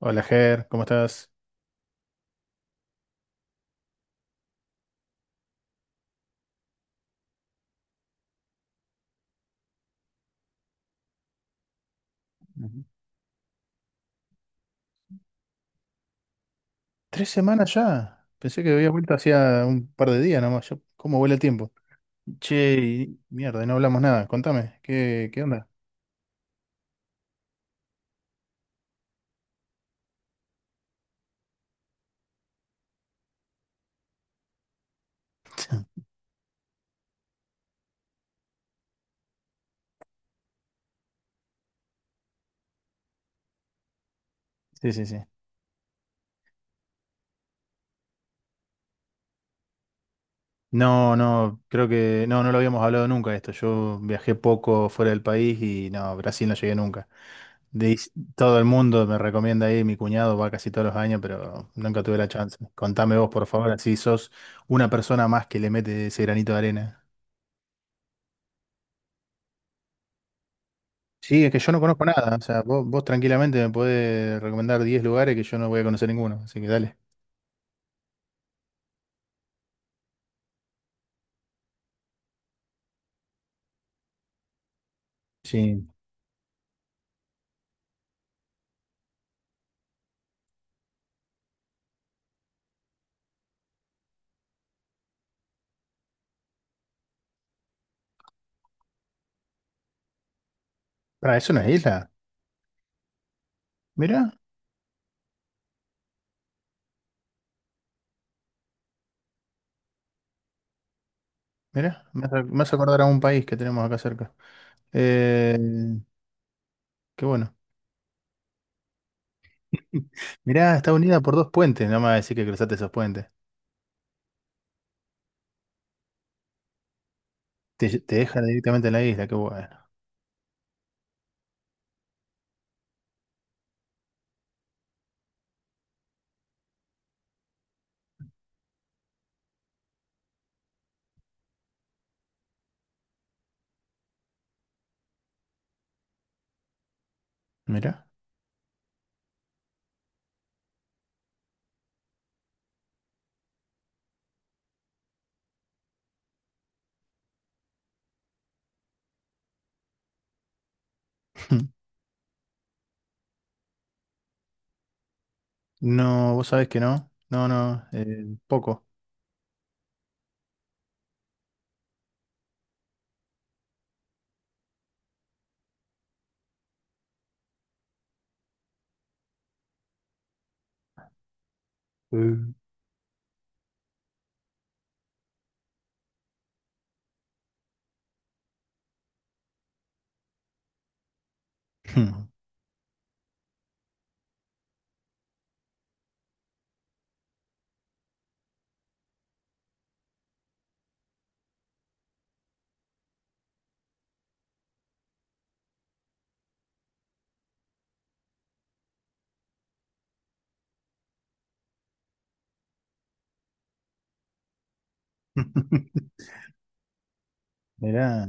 Hola, Ger, ¿cómo estás? Ujú. Tres semanas ya. Pensé que había vuelto hacía un par de días nomás. ¿Cómo vuela el tiempo? Che, mierda, y no hablamos nada. Contame, ¿qué onda? Sí, sí, sí. No, no, creo que no, no lo habíamos hablado nunca esto. Yo viajé poco fuera del país y no, Brasil no llegué nunca. De, Todo el mundo me recomienda ir, mi cuñado va casi todos los años, pero nunca tuve la chance. Contame vos, por favor, así sos una persona más que le mete ese granito de arena. Sí, es que yo no conozco nada. O sea, vos tranquilamente me podés recomendar 10 lugares que yo no voy a conocer ninguno. Así que dale. Sí. Para, ¿es una isla? Mirá, mirá. Me hace acordar a un país que tenemos acá cerca. Eh, Qué bueno. Mirá, está unida por dos puentes. No me vas a decir que cruzaste esos puentes. Te deja directamente en la isla. Qué bueno. Mirá. No, vos sabés que no. No, no. Poco. Eh. Mirá.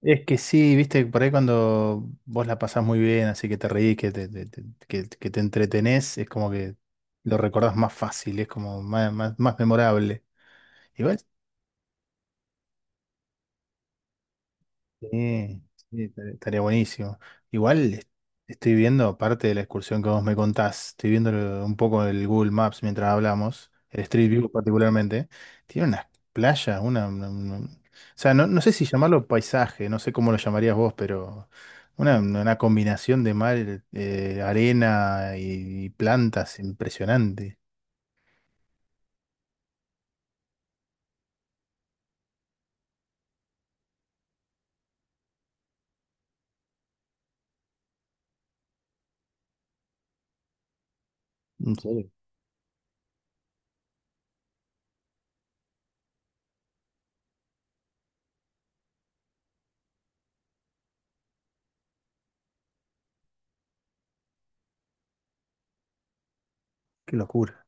Es que sí, viste, por ahí cuando vos la pasás muy bien, así que te reís, que te entretenés, es como que lo recordás más fácil, es como más, más, más memorable. Igual Sí, sí, estaría buenísimo. Igual estoy viendo, parte de la excursión que vos me contás, estoy viendo un poco el Google Maps mientras hablamos, el Street View particularmente, tiene unas playas, o sea, no, no sé si llamarlo paisaje, no sé cómo lo llamarías vos, pero una combinación de mar, arena y plantas impresionante. En serio. Qué locura.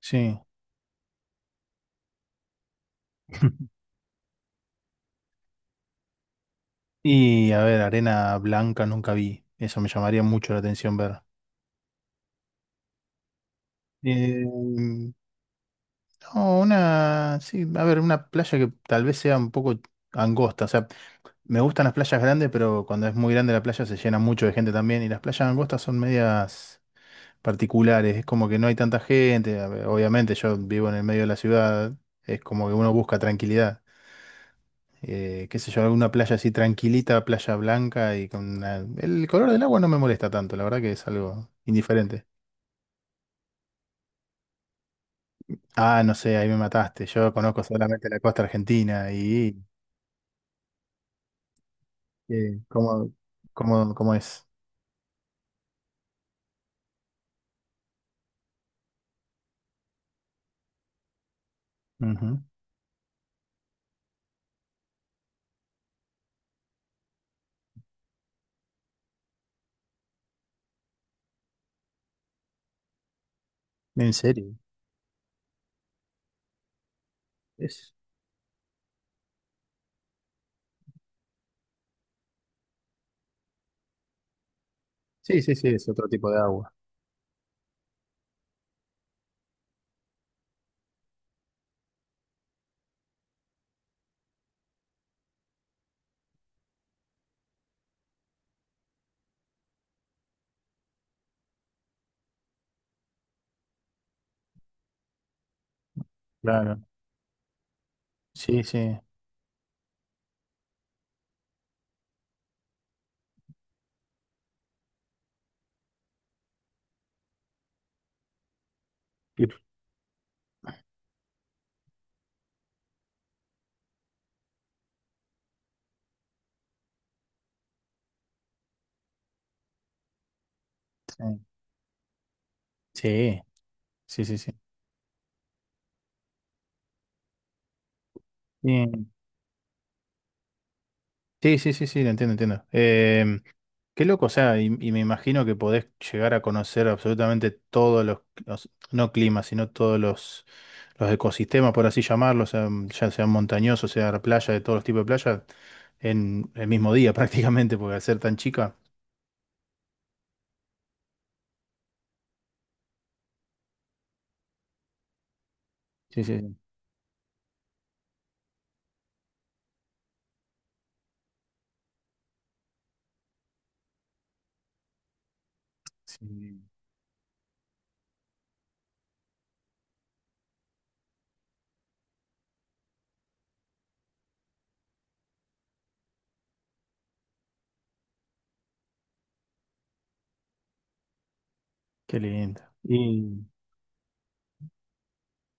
Sí. Y a ver, arena blanca nunca vi, eso me llamaría mucho la atención ver. Eh, no, sí, a ver, una playa que tal vez sea un poco angosta. O sea, me gustan las playas grandes, pero cuando es muy grande la playa se llena mucho de gente también. Y las playas angostas son medias particulares. Es como que no hay tanta gente. A ver, obviamente, yo vivo en el medio de la ciudad. Es como que uno busca tranquilidad. Qué sé yo, alguna playa así tranquilita, playa blanca y el color del agua no me molesta tanto, la verdad que es algo indiferente. Ah, no sé, ahí me mataste. Yo conozco solamente la costa argentina y Eh, ¿cómo, cómo es? Ujú. ¿En serio? Es, sí, sí, sí, es otro tipo de agua. Claro. Sí, sí. Y- Sí, sí, sí, sí. Bien. Sí, sí, sí, sí, lo entiendo, entiendo. Qué loco, o sea, y me imagino que podés llegar a conocer absolutamente no climas, sino todos los ecosistemas, por así llamarlos, o sea ya sean montañosos, sea playa, de todos los tipos de playas, en el mismo día prácticamente, porque al ser tan chica. Sí, sí, sí. Qué lindo. Y,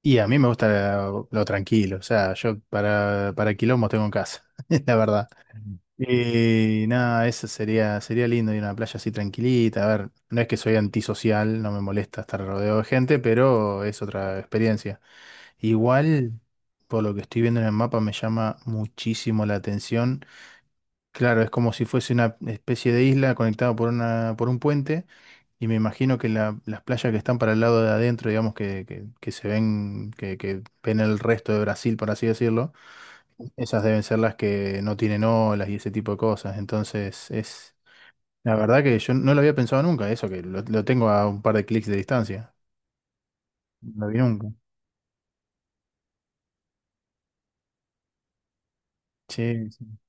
y a mí me gusta tranquilo, o sea, yo para quilombos tengo en casa, la verdad. Y nada, eso sería lindo ir a una playa así tranquilita. A ver, no es que soy antisocial, no me molesta estar rodeado de gente, pero es otra experiencia. Igual, por lo que estoy viendo en el mapa, me llama muchísimo la atención. Claro, es como si fuese una especie de isla conectada por por un puente, y me imagino que las playas que están para el lado de adentro, digamos, que se ven, que ven el resto de Brasil, por así decirlo, esas deben ser las que no tienen olas y ese tipo de cosas. Entonces, es la verdad que yo no lo había pensado nunca, eso que lo tengo a un par de clics de distancia. No lo vi nunca. Sí, sí,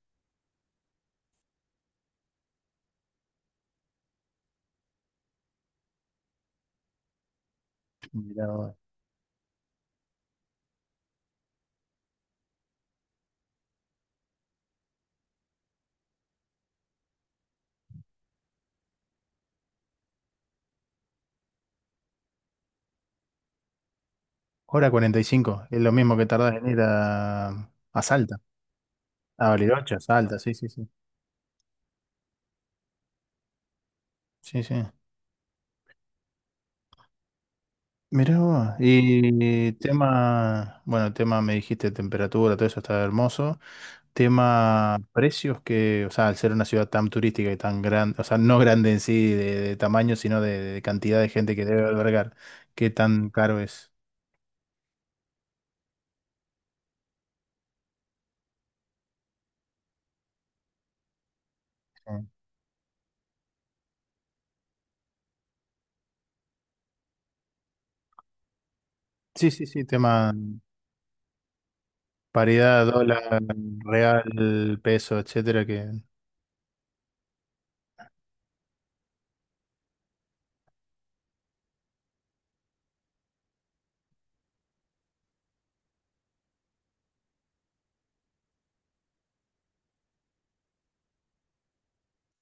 mirá vos. Hora 45, es lo mismo que tardás en ir a Salta, a Bariloche, a Salta, sí, sí, sí. Sí, sí. Mirá vos, y tema, bueno, tema me dijiste temperatura, todo eso está hermoso. Tema precios que, o sea, al ser una ciudad tan turística y tan grande, o sea, no grande en sí de tamaño, sino de cantidad de gente que debe albergar, ¿qué tan caro es? Sí, sí, sí, tema paridad, dólar, real, peso, etcétera, que...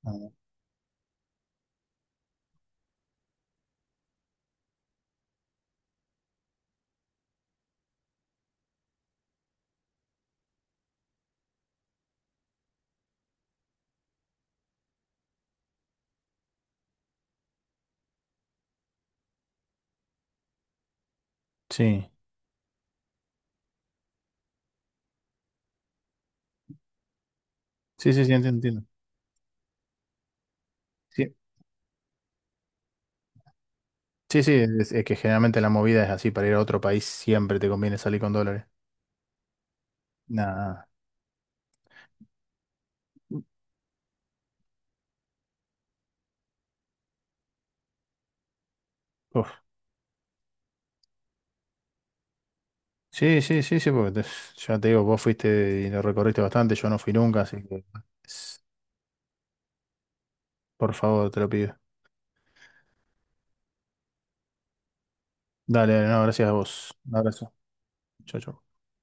Ah, sí, sí, sí, sí, entiendo, entiendo. Sí, sí, sí, es que generalmente la movida es así, para ir a otro país siempre te conviene salir con dólares. Nada. Uf. Sí, sí, sí, sí, porque ya te digo, vos fuiste y lo recorriste bastante, yo no fui nunca, así que es- por favor, te lo pido. Dale, dale, no, gracias a vos. Un abrazo. Chau, chau.